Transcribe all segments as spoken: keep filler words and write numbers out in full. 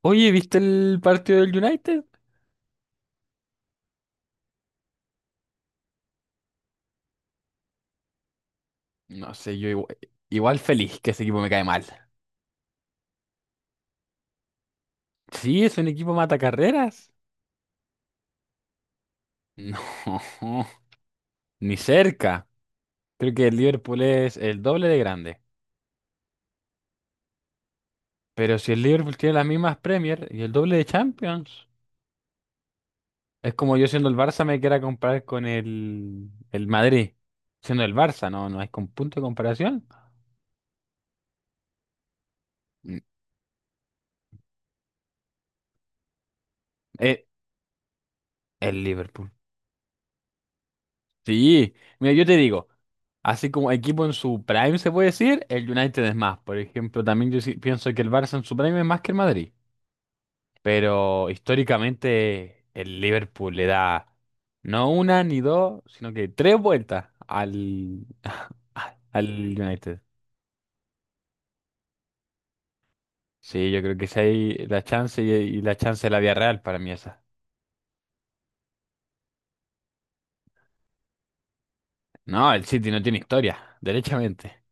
Oye, ¿viste el partido del United? No sé, yo igual, igual feliz que ese equipo me cae mal. Sí, es un equipo mata carreras. No, ni cerca. Creo que el Liverpool es el doble de grande. Pero si el Liverpool tiene las mismas Premier y el doble de Champions, es como yo siendo el Barça me quiera comparar con el, el Madrid. Siendo el Barça, no, no hay con punto de comparación. Mm, eh, el Liverpool. Sí, mira, yo te digo, así como equipo en su prime se puede decir, el United es más. Por ejemplo, también yo sí pienso que el Barça en su prime es más que el Madrid. Pero históricamente el Liverpool le da no una ni dos, sino que tres vueltas al, al United. Sí, yo creo que si hay la chance y, y la chance de la vía Real para mí esa. No, el City no tiene historia, derechamente.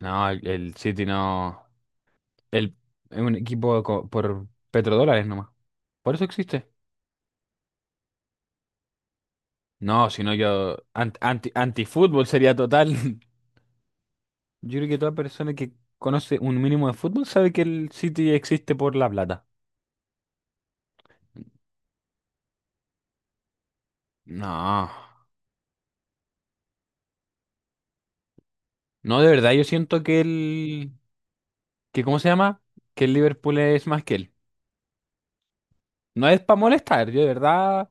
No, el el City no. El, es un equipo co- por petrodólares nomás. Por eso existe. No, si no yo... ant- anti, antifútbol sería total. Yo creo que toda persona que conoce un mínimo de fútbol sabe que el City existe por la plata. No. No, de verdad, yo siento que el... que ¿cómo se llama? Que el Liverpool es más que él. No es para molestar, yo de verdad...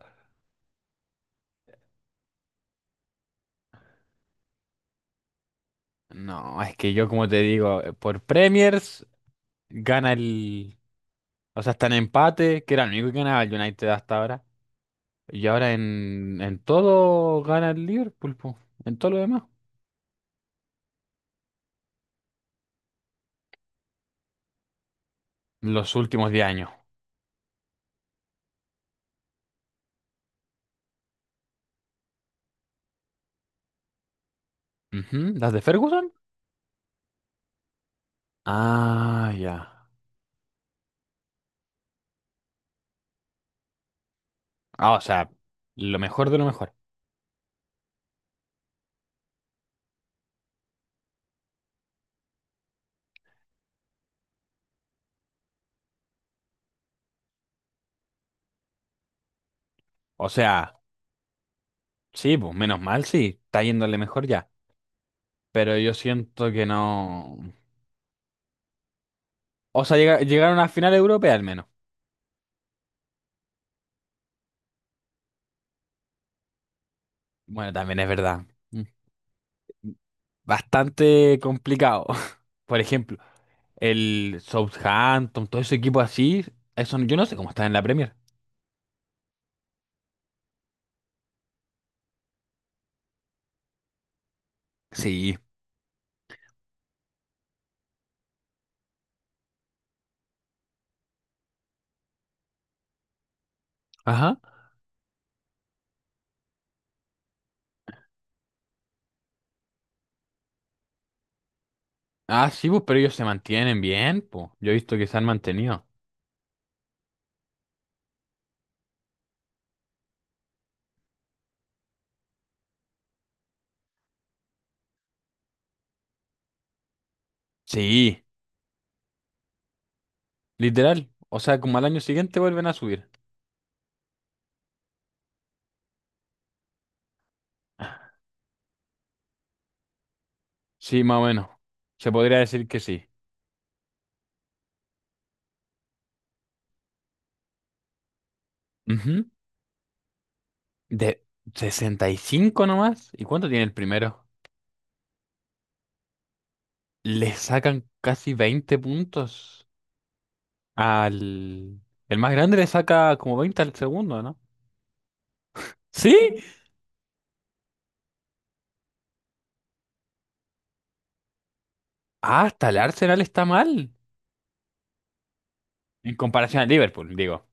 No, es que yo como te digo, eh, por Premiers gana el... O sea, está en empate, que era el único que ganaba el United hasta ahora. Y ahora en, en todo gana el Liverpool, po. En todo lo demás. Los últimos diez años. Ujú, ¿las de Ferguson? Ah, ya. Ah, o sea, lo mejor de lo mejor. O sea, sí, pues menos mal, sí, está yéndole mejor ya. Pero yo siento que no. O sea, llega- llegaron a final europea al menos. Bueno, también es verdad. Mm, bastante complicado. Por ejemplo, el Southampton, todo ese equipo así, eso yo no sé cómo está en la Premier. Sí. Ajá. Ah, sí, pues, pero ellos se mantienen bien, pues. Yo he visto que se han mantenido. Sí, literal. O sea, como al año siguiente vuelven a subir. Sí, más o menos. Se podría decir que sí. Ujú. De sesenta y cinco nomás. ¿Y cuánto tiene el primero? Le sacan casi veinte puntos al... El más grande le saca como veinte al segundo, ¿no? ¿Sí? Ah, hasta el Arsenal está mal. En comparación al Liverpool, digo.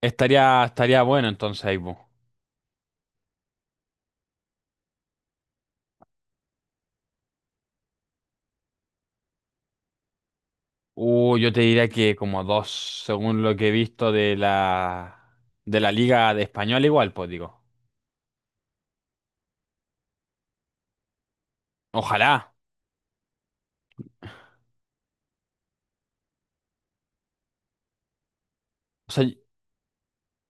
Estaría, estaría bueno entonces ahí, po. Uh, yo te diría que como dos, según lo que he visto de la de la Liga de Español igual, pues digo. Ojalá. O sea,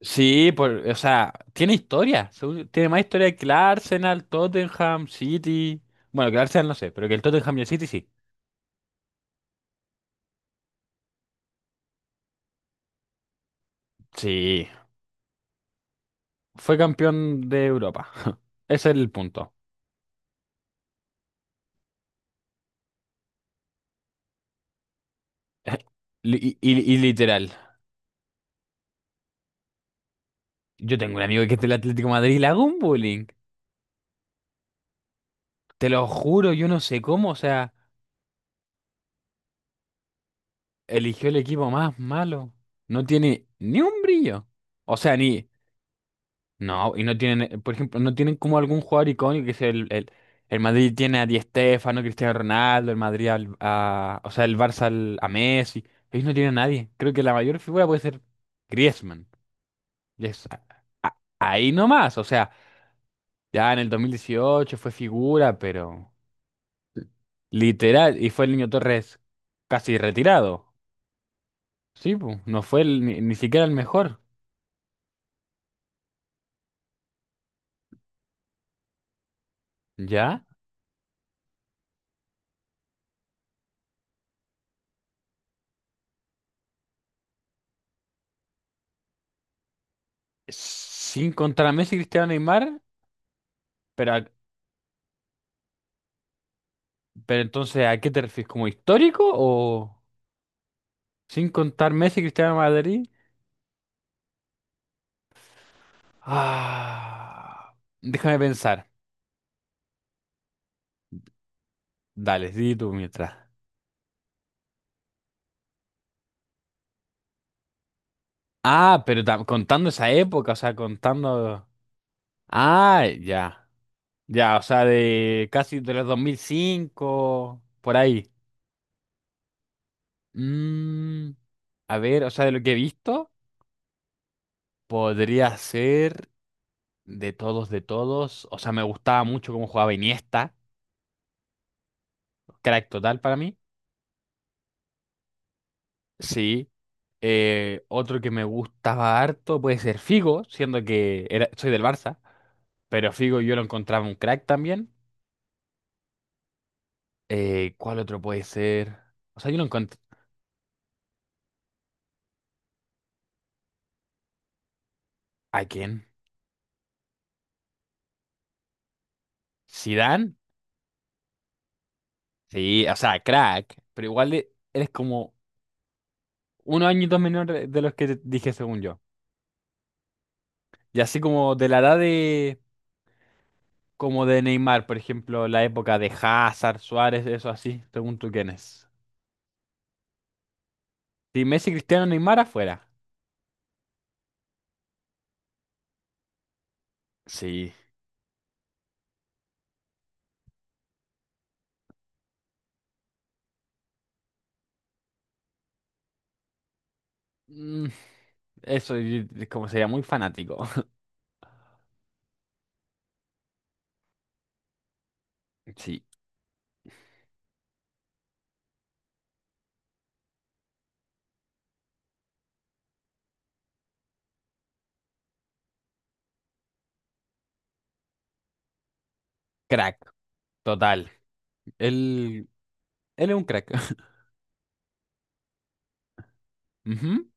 sí, por, o sea, tiene historia. según- Tiene más historia que el Arsenal, Tottenham, City. Bueno, que el Arsenal no sé, pero que el Tottenham y el City sí. Sí. Fue campeón de Europa. Ese es el punto. Li- Y, y- y literal. Yo tengo un amigo que es del Atlético de Madrid y le hago un bullying. Te lo juro, yo no sé cómo, o sea. Eligió el equipo más malo. No tiene ni un brillo. O sea, ni. No, y no tienen, eh, por ejemplo, no tienen como algún jugador icónico que es el, el, el Madrid tiene a Di Stéfano, Cristiano Ronaldo, el Madrid al- a, o sea, el Barça al- a Messi. Ellos no tienen a nadie. Creo que la mayor figura puede ser Griezmann. Y es a- a- ahí nomás. O sea, ya en el dos mil dieciocho fue figura, pero literal, y fue el Niño Torres casi retirado. Sí, pues, no fue el- ni, ni siquiera el mejor. ¿Ya? Sin contar a Messi, Cristiano, Neymar, pero, a- pero entonces, ¿a qué te refieres? ¿Como histórico o sin contar Messi, Cristiano, Madrid? Ah, déjame pensar. Dale, di tú mientras. Ah, pero tam- contando esa época, o sea, contando... Ah, ya. Ya, o sea, de casi de los dos mil cinco, por ahí. Mm, a ver, o sea, de lo que he visto, podría ser... De todos, de todos. O sea, me gustaba mucho cómo jugaba Iniesta. Crack total para mí. Sí. Eh, otro que me gustaba harto puede ser Figo, siendo que era, soy del Barça. Pero Figo yo lo encontraba un crack también. Eh, ¿cuál otro puede ser? O sea, yo lo encontré. ¿A quién? ¿Zidane? Sí, o sea, crack. Pero igual e- eres como unos añitos menor de de los que te dije según yo. Y así como de la edad de. Como de Neymar, por ejemplo, la época de Hazard, Suárez, eso así, según tú quién es. Si Messi, Cristiano, Neymar afuera. Sí, mm, eso y- es como sería muy fanático. Sí, crack, total. Él, él es un crack. Ujú.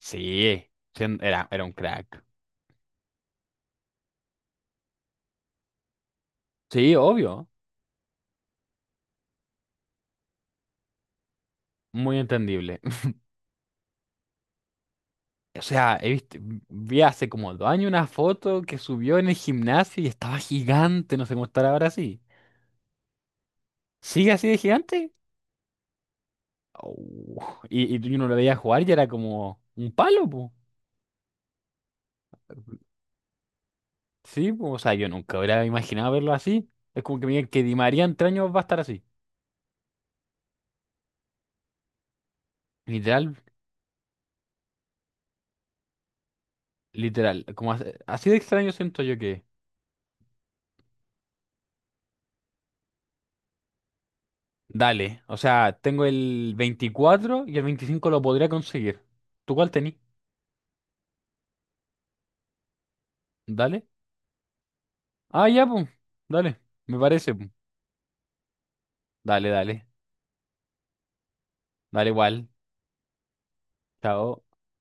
Sí, sí, era, era un crack. Sí, obvio, muy entendible. O sea, he visto, vi hace como dos años una foto que subió en el gimnasio y estaba gigante, no sé cómo estará ahora sí. ¿Sigue así de gigante? Oh, y, y tú- uno lo veía jugar y era como un palo, pues. Sí, po. O sea, yo nunca hubiera imaginado verlo así. Es como que me digan que Di María en tres años va a estar así. Literal, literal. Como as- así de extraño siento yo que. Dale. O sea, tengo el veinticuatro y el veinticinco lo podría conseguir. ¿Tú cuál tenés? Dale. Ah, ya, pues. Dale. Me parece, po. Dale, dale. Dale igual. Chao.